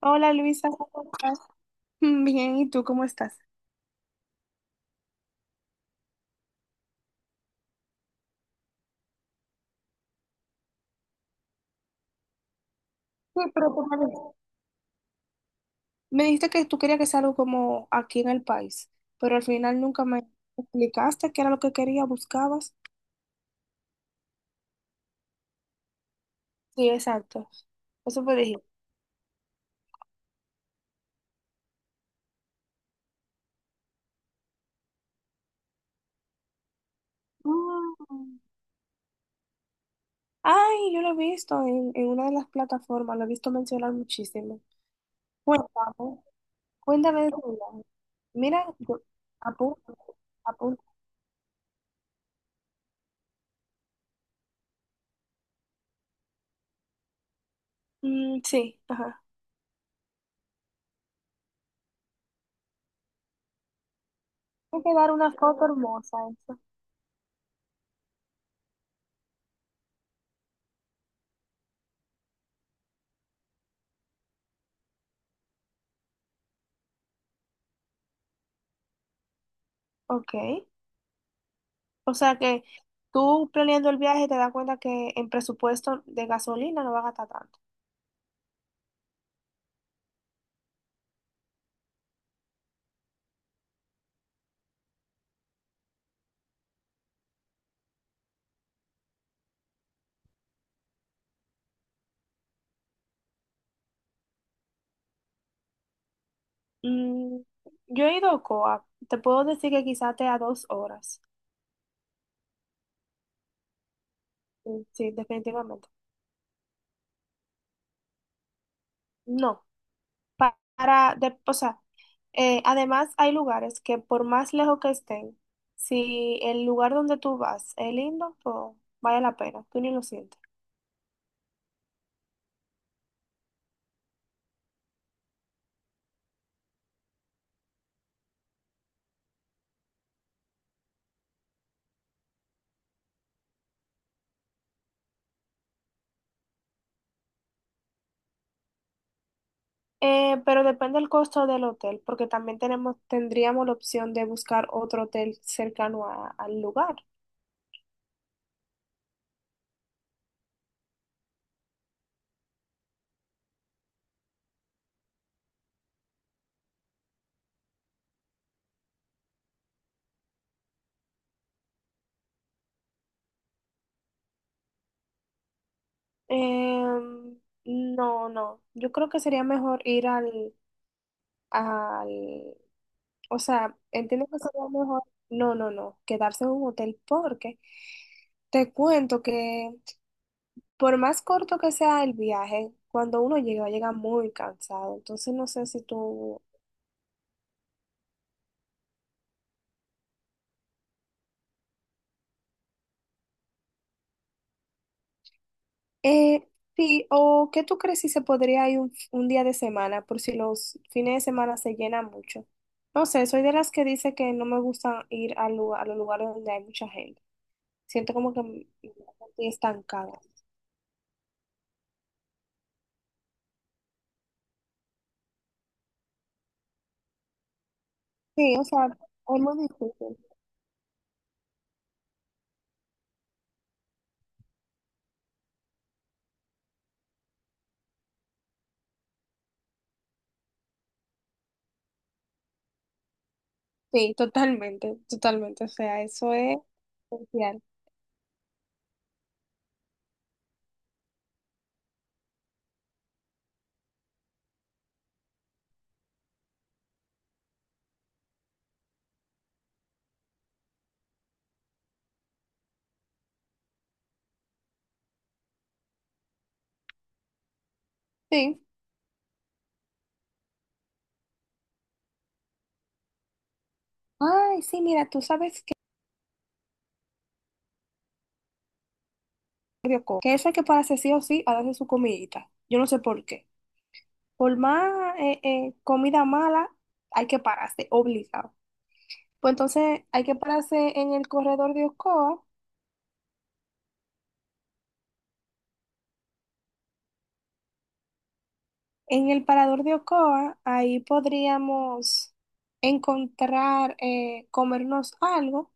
Hola, Luisa, ¿cómo estás? Bien, ¿y tú cómo estás? Sí, pero tú me dijiste que tú querías que sea algo como aquí en el país, pero al final nunca me explicaste qué era lo que querías, buscabas. Sí, exacto. Eso fue dije. Mm. Ay, yo lo he visto en una de las plataformas, lo he visto mencionar muchísimo. Cuéntame, cuéntame de tu viaje. Mira, yo apunto, apunto. Mm, sí, ajá. Hay que dar una foto hermosa, eso. Ok. O sea que tú, planeando el viaje, te das cuenta que en presupuesto de gasolina no va a gastar tanto. Mm, yo he ido a Ocoa, te puedo decir que quizás te a dos horas. Mm, sí, definitivamente. No, para, o sea, además hay lugares que por más lejos que estén, si el lugar donde tú vas es lindo, pues vale la pena, tú ni lo sientes. Pero depende el costo del hotel, porque también tenemos, tendríamos la opción de buscar otro hotel cercano al lugar. Em, no, no. Yo creo que sería mejor ir al, o sea, entiendo que sería mejor, no, no, no, quedarse en un hotel porque te cuento que por más corto que sea el viaje, cuando uno llega, llega muy cansado. Entonces no sé si tú, eh, sí, o qué tú crees si se podría ir un día de semana, por si los fines de semana se llenan mucho. No sé, soy de las que dice que no me gusta ir a, a los lugares donde hay mucha gente. Siento como que estoy estancada. Sí, o sea, es muy difícil. Sí, totalmente, totalmente. O sea, eso es esencial. Sí. Ay, sí, mira, tú sabes que que esa que para sí o sí, ha su comidita. Yo no sé por qué. Por más comida mala, hay que pararse, obligado. Pues entonces hay que pararse en el corredor de Ocoa. En el parador de Ocoa, ahí podríamos encontrar, comernos algo.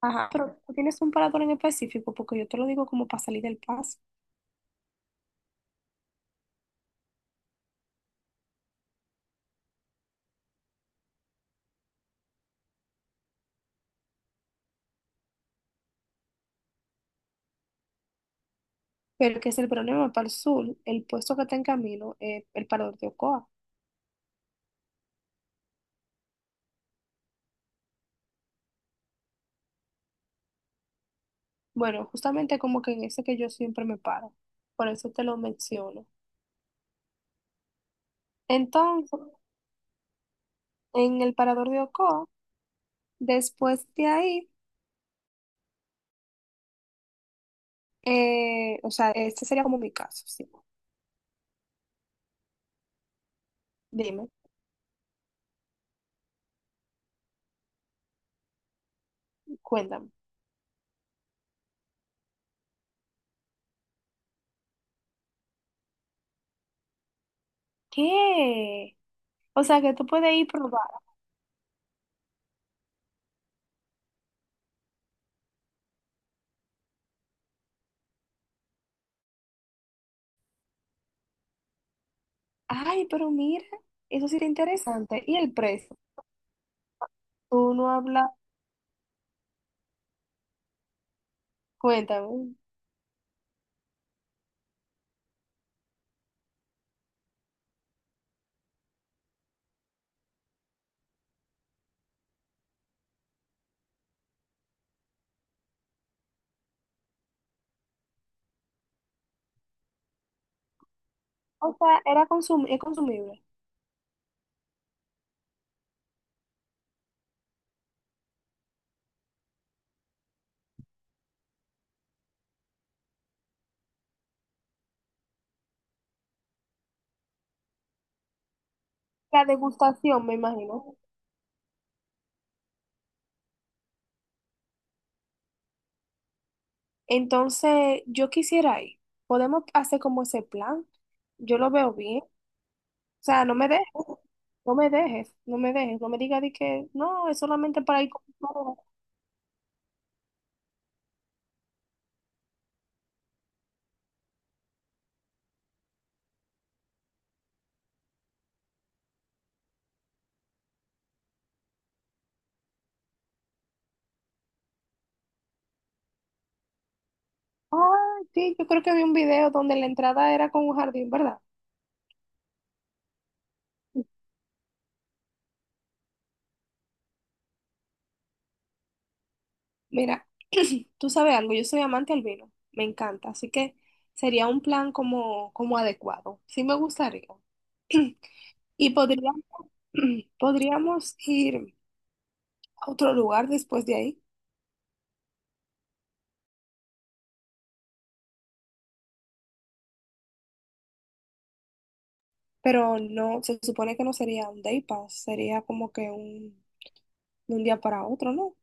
Ajá, pero tú tienes un parador en específico, porque yo te lo digo como para salir del paso. Pero que es el problema para el sur, el puesto que está en camino es el parador de Ocoa. Bueno, justamente como que en ese que yo siempre me paro, por eso te lo menciono. Entonces, en el parador de Ocoa, después de ahí, o sea, este sería como mi caso, sí. Dime, cuéntame. ¿Qué? O sea, que tú puedes ir probar. Ay, pero mira, eso sí era interesante. ¿Y el precio? Tú no hablas, cuéntame. O sea, era consum es consumible. La degustación, me imagino. Entonces, yo quisiera ir. Podemos hacer como ese plan. Yo lo veo bien. O sea, no me dejes, no me dejes, no me dejes. No me digas de que no, es solamente para ir con todo. Ah, sí, yo creo que vi un video donde la entrada era con un jardín, ¿verdad? Mira, tú sabes algo, yo soy amante al vino, me encanta, así que sería un plan como adecuado. Sí me gustaría. Y podríamos, podríamos ir a otro lugar después de ahí, pero no, se supone que no sería un day pass, sería como que un, de un día para otro, ¿no?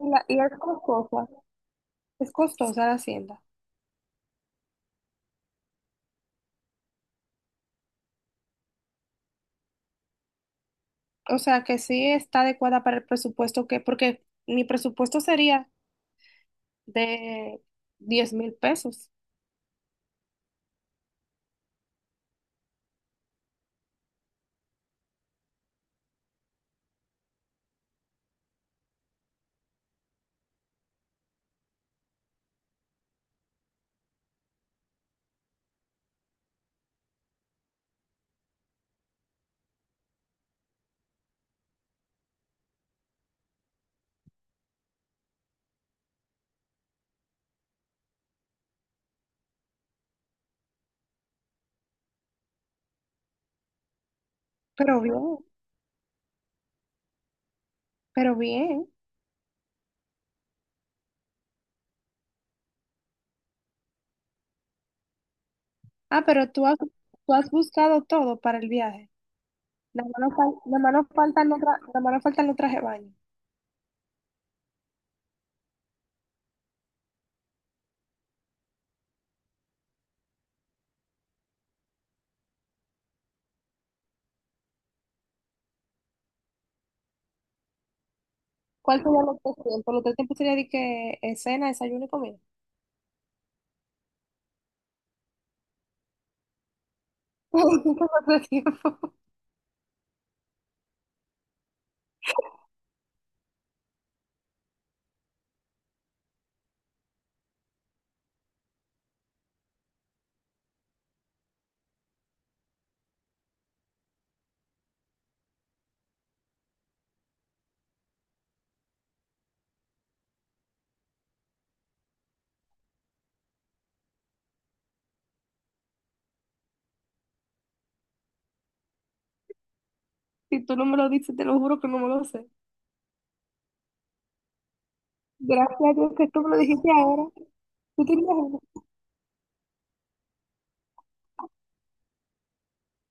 ¿Y es costosa la hacienda? O sea que sí está adecuada para el presupuesto, que, porque mi presupuesto sería de 10,000 pesos. Pero bien, pero bien. Ah, pero tú has buscado todo para el viaje. Nada más nos faltan los tra- nada más nos faltan los trajes de baño. ¿Cuál sería los tres tiempos? Los tres tiempos sería de que cena, desayuno y comida. ¿Los tres tiempos? Si tú no me lo dices, te lo juro que no me lo sé. Gracias a Dios que tú me lo dijiste ahora. ¿Tú te imaginas?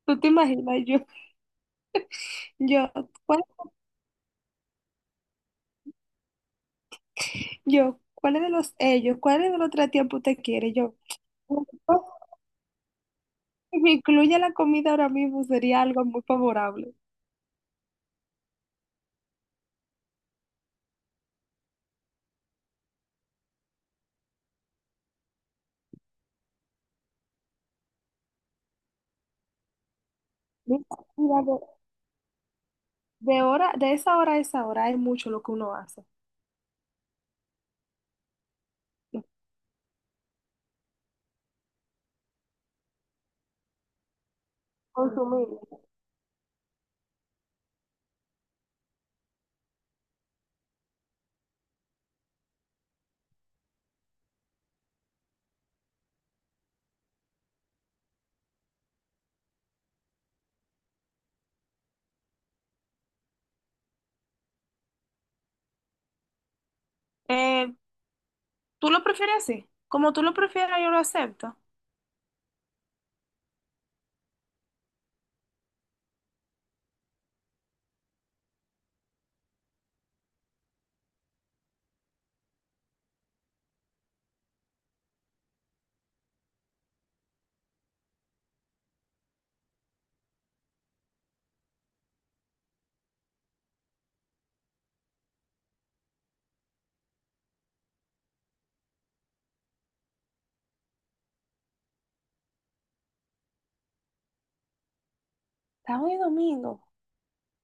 ¿Tú te imaginas? Yo, ¿Cuál, yo, ¿cuál es de los ellos? ¿Cuál es de los tres tiempos usted quiere? Yo, si me incluye la comida ahora mismo, sería algo muy favorable. Mira, mira, de hora, de esa hora a esa hora hay mucho lo que uno hace. Consumir. Eh, ¿Tú lo prefieres así? Como tú lo prefieras, yo lo acepto. Sábado y domingo,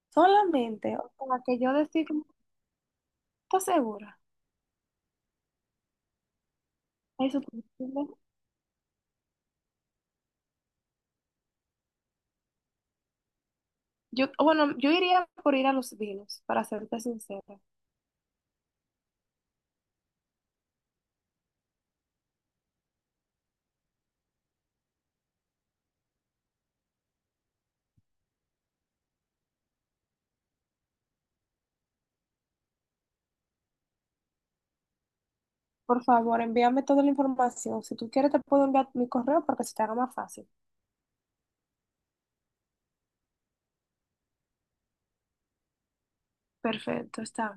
solamente. O sea, que yo decir, como, ¿estás segura? Eso tú decides. Yo, bueno, yo iría por ir a los vinos, para serte sincera. Por favor, envíame toda la información. Si tú quieres, te puedo enviar mi correo para que se te haga más fácil. Perfecto, está.